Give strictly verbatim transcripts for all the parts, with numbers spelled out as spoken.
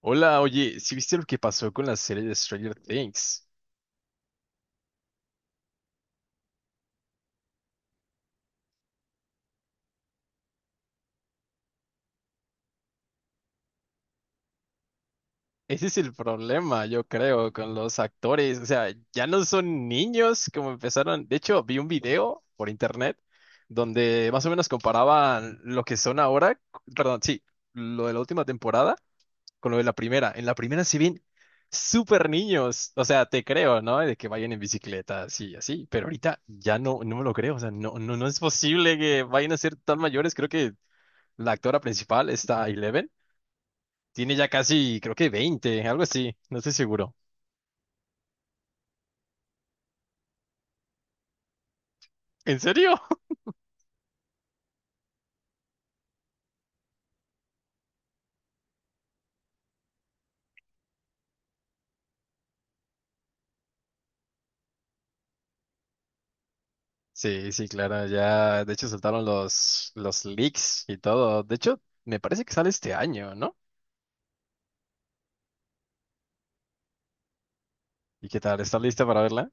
Hola, oye, ¿sí viste lo que pasó con la serie de Stranger Things? Ese es el problema, yo creo, con los actores. O sea, ya no son niños como empezaron. De hecho, vi un video por internet donde más o menos comparaban lo que son ahora, perdón, sí, lo de la última temporada con lo de la primera. En la primera se ven súper niños. O sea, te creo, ¿no? De que vayan en bicicleta, así, así. Pero ahorita ya no, no me lo creo. O sea, no, no, no es posible que vayan a ser tan mayores. Creo que la actora principal, esta Eleven, tiene ya casi, creo que veinte, algo así, no estoy seguro. ¿En serio? Sí, sí, claro, ya, de hecho soltaron los, los leaks y todo. De hecho, me parece que sale este año, ¿no? ¿Y qué tal? ¿Estás lista para verla?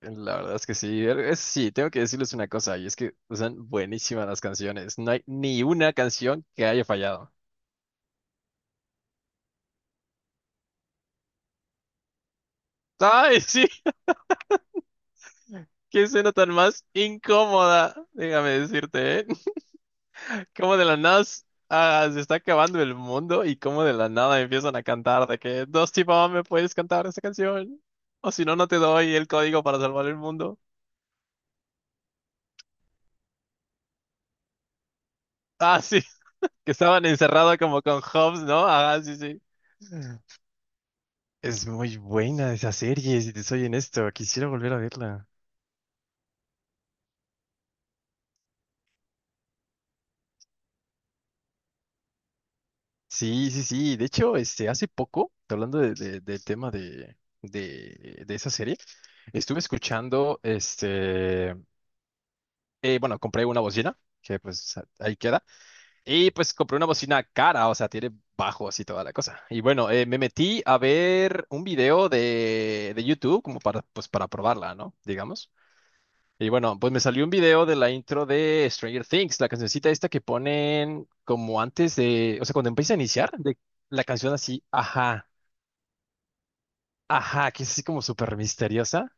La verdad es que sí, er, es- sí, tengo que decirles una cosa, y es que son buenísimas las canciones. No hay ni una canción que haya fallado. ¡Ay, sí! ¡Qué escena tan más incómoda! Déjame decirte, ¿eh? Como de la nada s- ah, se está acabando el mundo y como de la nada empiezan a cantar de que dos tipos me puedes cantar esta canción o si no no te doy el código para salvar el mundo. Ah, sí, que estaban encerrados como con Hobbs, ¿no? Ah, sí, sí. Es muy buena esa serie, si te soy honesto, quisiera volver a verla. Sí, sí, sí. De hecho, este, hace poco, hablando de- de- del tema de, de, de, esa serie, estuve escuchando este eh, bueno, compré una bocina, que pues a- ahí queda. Y pues compré una bocina cara, o sea, tiene bajos y toda la cosa. Y bueno, eh, me metí a ver un video de, de YouTube como para, pues, para probarla, ¿no? Digamos. Y bueno, pues me salió un video de la intro de Stranger Things, la cancioncita esta que ponen como antes de, o sea, cuando empieza a iniciar, de la canción así, ajá, ajá, que es así como súper misteriosa,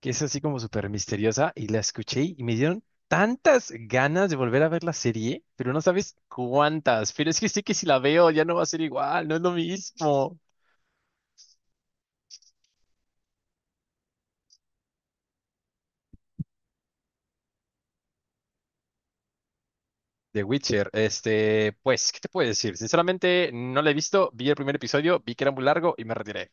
que es así como súper misteriosa, y la escuché y me dieron tantas ganas de volver a ver la serie, pero no sabes cuántas, pero es que sé que si la veo ya no va a ser igual, no es lo mismo. The Witcher, este, pues, ¿qué te puedo decir? Sinceramente, no la he visto, vi el primer episodio, vi que era muy largo y me retiré.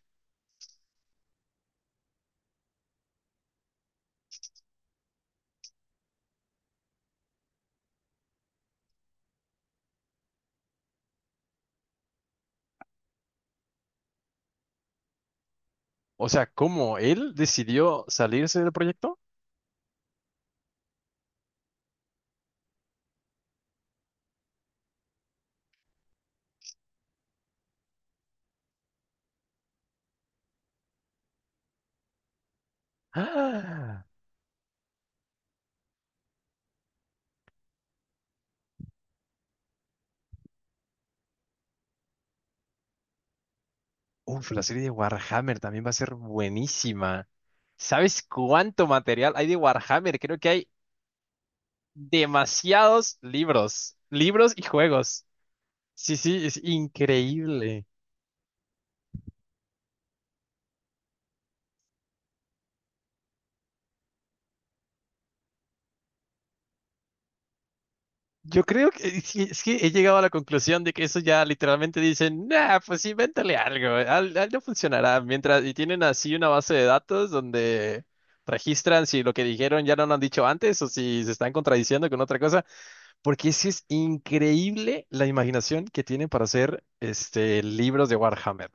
O sea, ¿cómo él decidió salirse del proyecto? ¡Ah! Uf, la serie de Warhammer también va a ser buenísima. ¿Sabes cuánto material hay de Warhammer? Creo que hay demasiados libros, libros y juegos. Sí, sí, es increíble. Yo creo que sí, es que he llegado a la conclusión de que eso ya literalmente dicen, nah, pues invéntale algo, al- algo funcionará. Mientras, y tienen así una base de datos donde registran si lo que dijeron ya no lo han dicho antes o si se están contradiciendo con otra cosa, porque sí es increíble la imaginación que tienen para hacer este libros de Warhammer,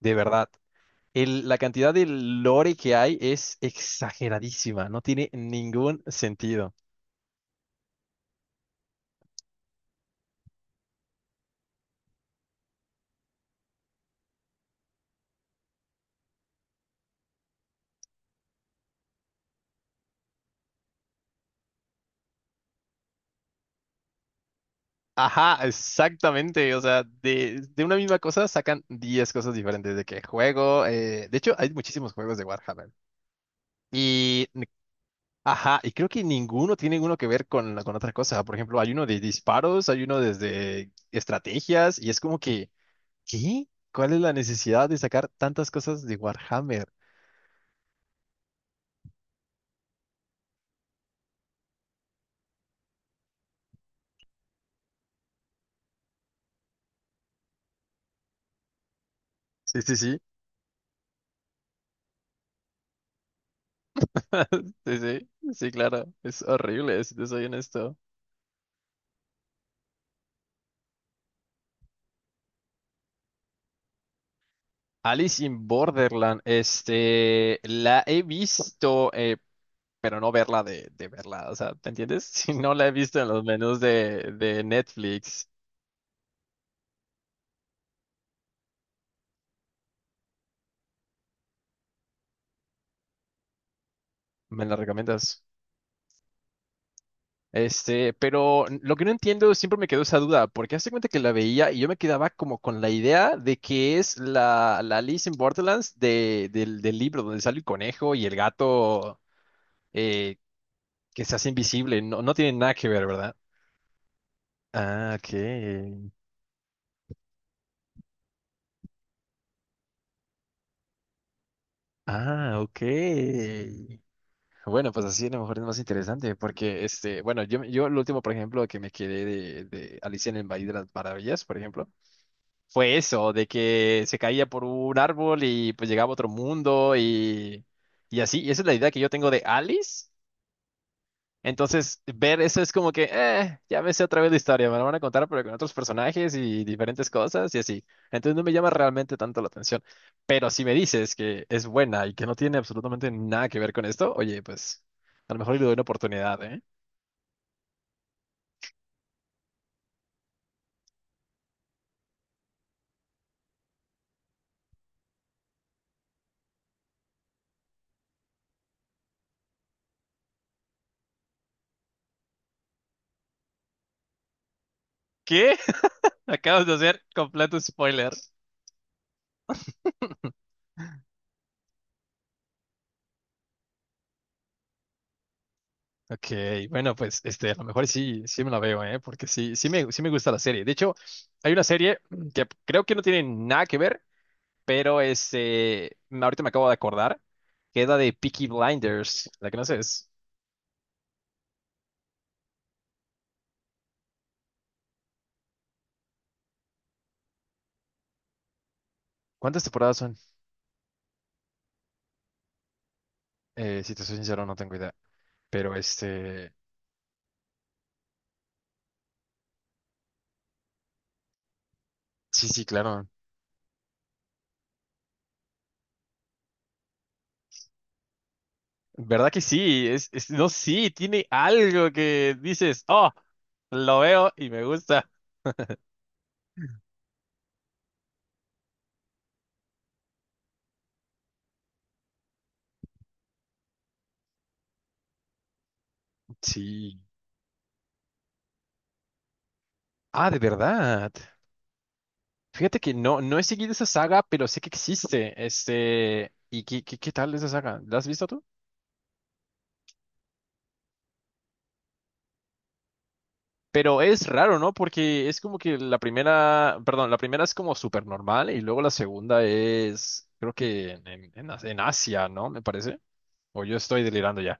de verdad. El- la cantidad de lore que hay es exageradísima, no tiene ningún sentido. Ajá, exactamente. O sea, de, de, una misma cosa sacan diez cosas diferentes de qué juego. Eh, de hecho, hay muchísimos juegos de Warhammer. Y, ajá, y creo que ninguno tiene uno que ver con, la- con otra cosa. Por ejemplo, hay uno de disparos, hay uno desde estrategias, y es como que, ¿qué? ¿Cuál es la necesidad de sacar tantas cosas de Warhammer? Sí, sí, sí. Sí, sí, sí, claro, es horrible, si te soy honesto. Alice in Borderland, este, la he visto, eh, pero no verla de, de verla, o sea, ¿te entiendes? Si no la he visto en los menús de, de Netflix, ¿me la recomiendas? Este, pero lo que no entiendo, siempre me quedó esa duda, porque hace cuenta que la veía y yo me quedaba como con la idea de que es la, la Alice in Borderlands de, del, del libro donde sale el conejo y el gato, eh, Que se hace invisible, no, no tiene nada que ver, ¿verdad? Ah, ok. Ah, ok. Bueno, pues así a lo mejor es más interesante, porque este, bueno, yo, yo, lo último, por ejemplo, que me quedé de, de Alicia en el País de las Maravillas, por ejemplo, fue eso, de que se caía por un árbol y pues llegaba a otro mundo y, y así. Y esa es la idea que yo tengo de Alice. Entonces, ver eso es como que, eh, ya me sé otra vez la historia, me la van a contar, pero con otros personajes y diferentes cosas y así. Entonces no me llama realmente tanto la atención. Pero si me dices que es buena y que no tiene absolutamente nada que ver con esto, oye, pues a lo mejor le doy una oportunidad, ¿eh? ¿Qué? Acabas de hacer completo spoiler. Ok, bueno, pues este, a lo mejor sí, sí me la veo, ¿eh? Porque sí, sí me, sí me, gusta la serie. De hecho, hay una serie que creo que no tiene nada que ver. Pero este, ahorita me acabo de acordar que es la de Peaky Blinders, la que no sé es. ¿Cuántas temporadas son? Eh, si te soy sincero, no tengo idea. Pero este, sí, sí, claro. ¿Verdad que sí? Es, es- no, sí, tiene algo que dices, oh, lo veo y me gusta. Sí. Ah, de verdad. Fíjate que no, no he seguido esa saga, pero sé que existe. Este, ¿y qué, qué, qué, tal esa saga? ¿La has visto tú? Pero es raro, ¿no? Porque es como que la primera, perdón, la primera es como súper normal y luego la segunda es, creo que en, en- en As- en Asia, ¿no? Me parece. O yo estoy delirando ya.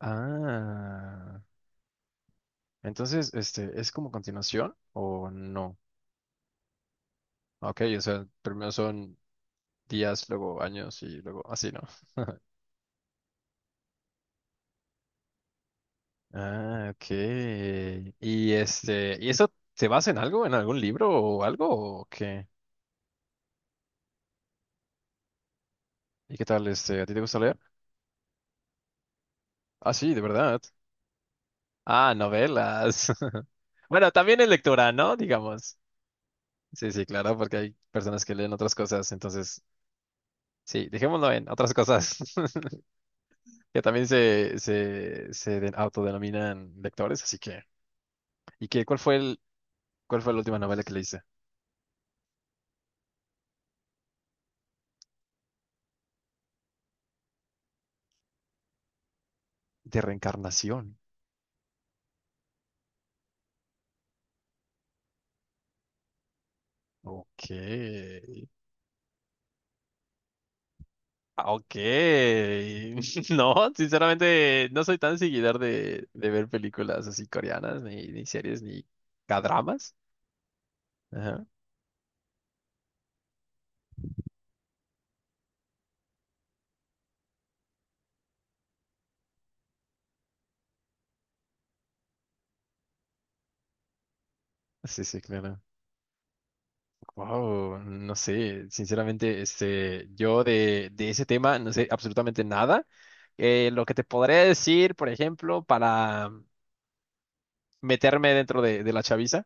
Ah, entonces, este, ¿es como continuación o no? Ok, o sea, primero son días, luego años y luego así, ¿no? Ah, ok. Y este, ¿y eso se basa en algo, en algún libro o algo o qué? ¿Y qué tal, este, a ti te gusta leer? Ah, sí, de verdad. Ah, novelas. Bueno, también es lectura, ¿no? Digamos. Sí, sí, claro, porque hay personas que leen otras cosas, entonces, sí, dejémoslo en otras cosas, que también se, se, se den- autodenominan lectores, así que. ¿Y qué, cuál fue el, cuál fue la última novela que leíste? De reencarnación. Ok. Ah, ok. No, sinceramente no soy tan seguidor de, de, ver películas así coreanas, ni, ni series, ni cadramas. Ajá. Sí, sí, claro. Wow, no sé, sinceramente, este, yo de, de ese tema no sé absolutamente nada. Eh, lo que te podría decir, por ejemplo, para meterme dentro de, de, la chaviza.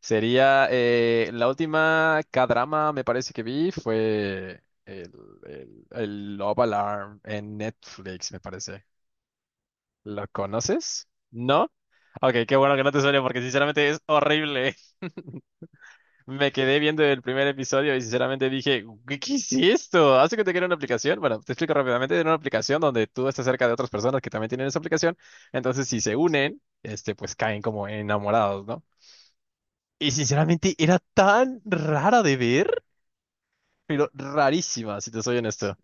Sería eh, la última K-drama, me parece que vi, fue el, el, el Love Alarm en Netflix, me parece. ¿Lo conoces? ¿No? Ok, qué bueno que no te suene porque sinceramente es horrible. Me quedé viendo el primer episodio y sinceramente dije, ¿qué, qué es esto? ¿Hace que te quiera una aplicación? Bueno, te explico rápidamente, era una aplicación donde tú estás cerca de otras personas que también tienen esa aplicación, entonces si se unen, este, pues caen como enamorados, ¿no? Y sinceramente era tan rara de ver, pero rarísima, si te soy honesto.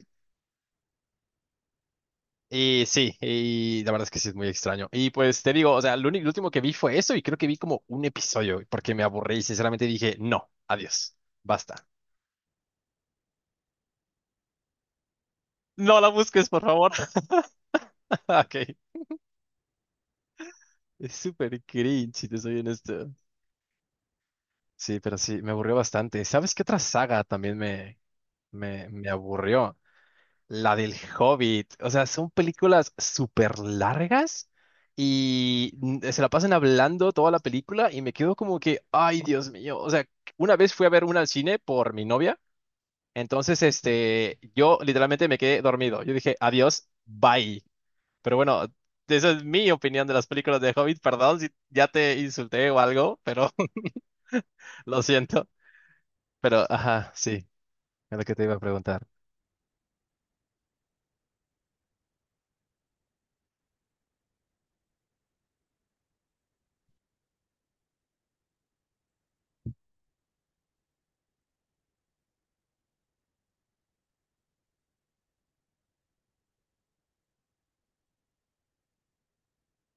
Y sí, y la verdad es que sí es muy extraño. Y pues te digo, o sea, lo único, lo último que vi fue eso y creo que vi como un episodio porque me aburrí y sinceramente dije, no, adiós, basta. No la busques, por favor. Ok, es súper cringe, si te soy honesto. Sí, pero sí, me aburrió bastante. ¿Sabes qué otra saga también me, me, me aburrió? La del Hobbit. O sea, son películas súper largas y mm, se la pasan hablando toda la película y me quedo como que, ay, Dios mío. O sea, una vez fui a ver una al cine por mi novia. Entonces, este, yo literalmente me quedé dormido. Yo dije, adiós, bye. Pero bueno, esa es mi opinión de las películas de Hobbit. Perdón si ya te insulté o algo, pero lo siento. Pero, ajá, sí, es lo que te iba a preguntar.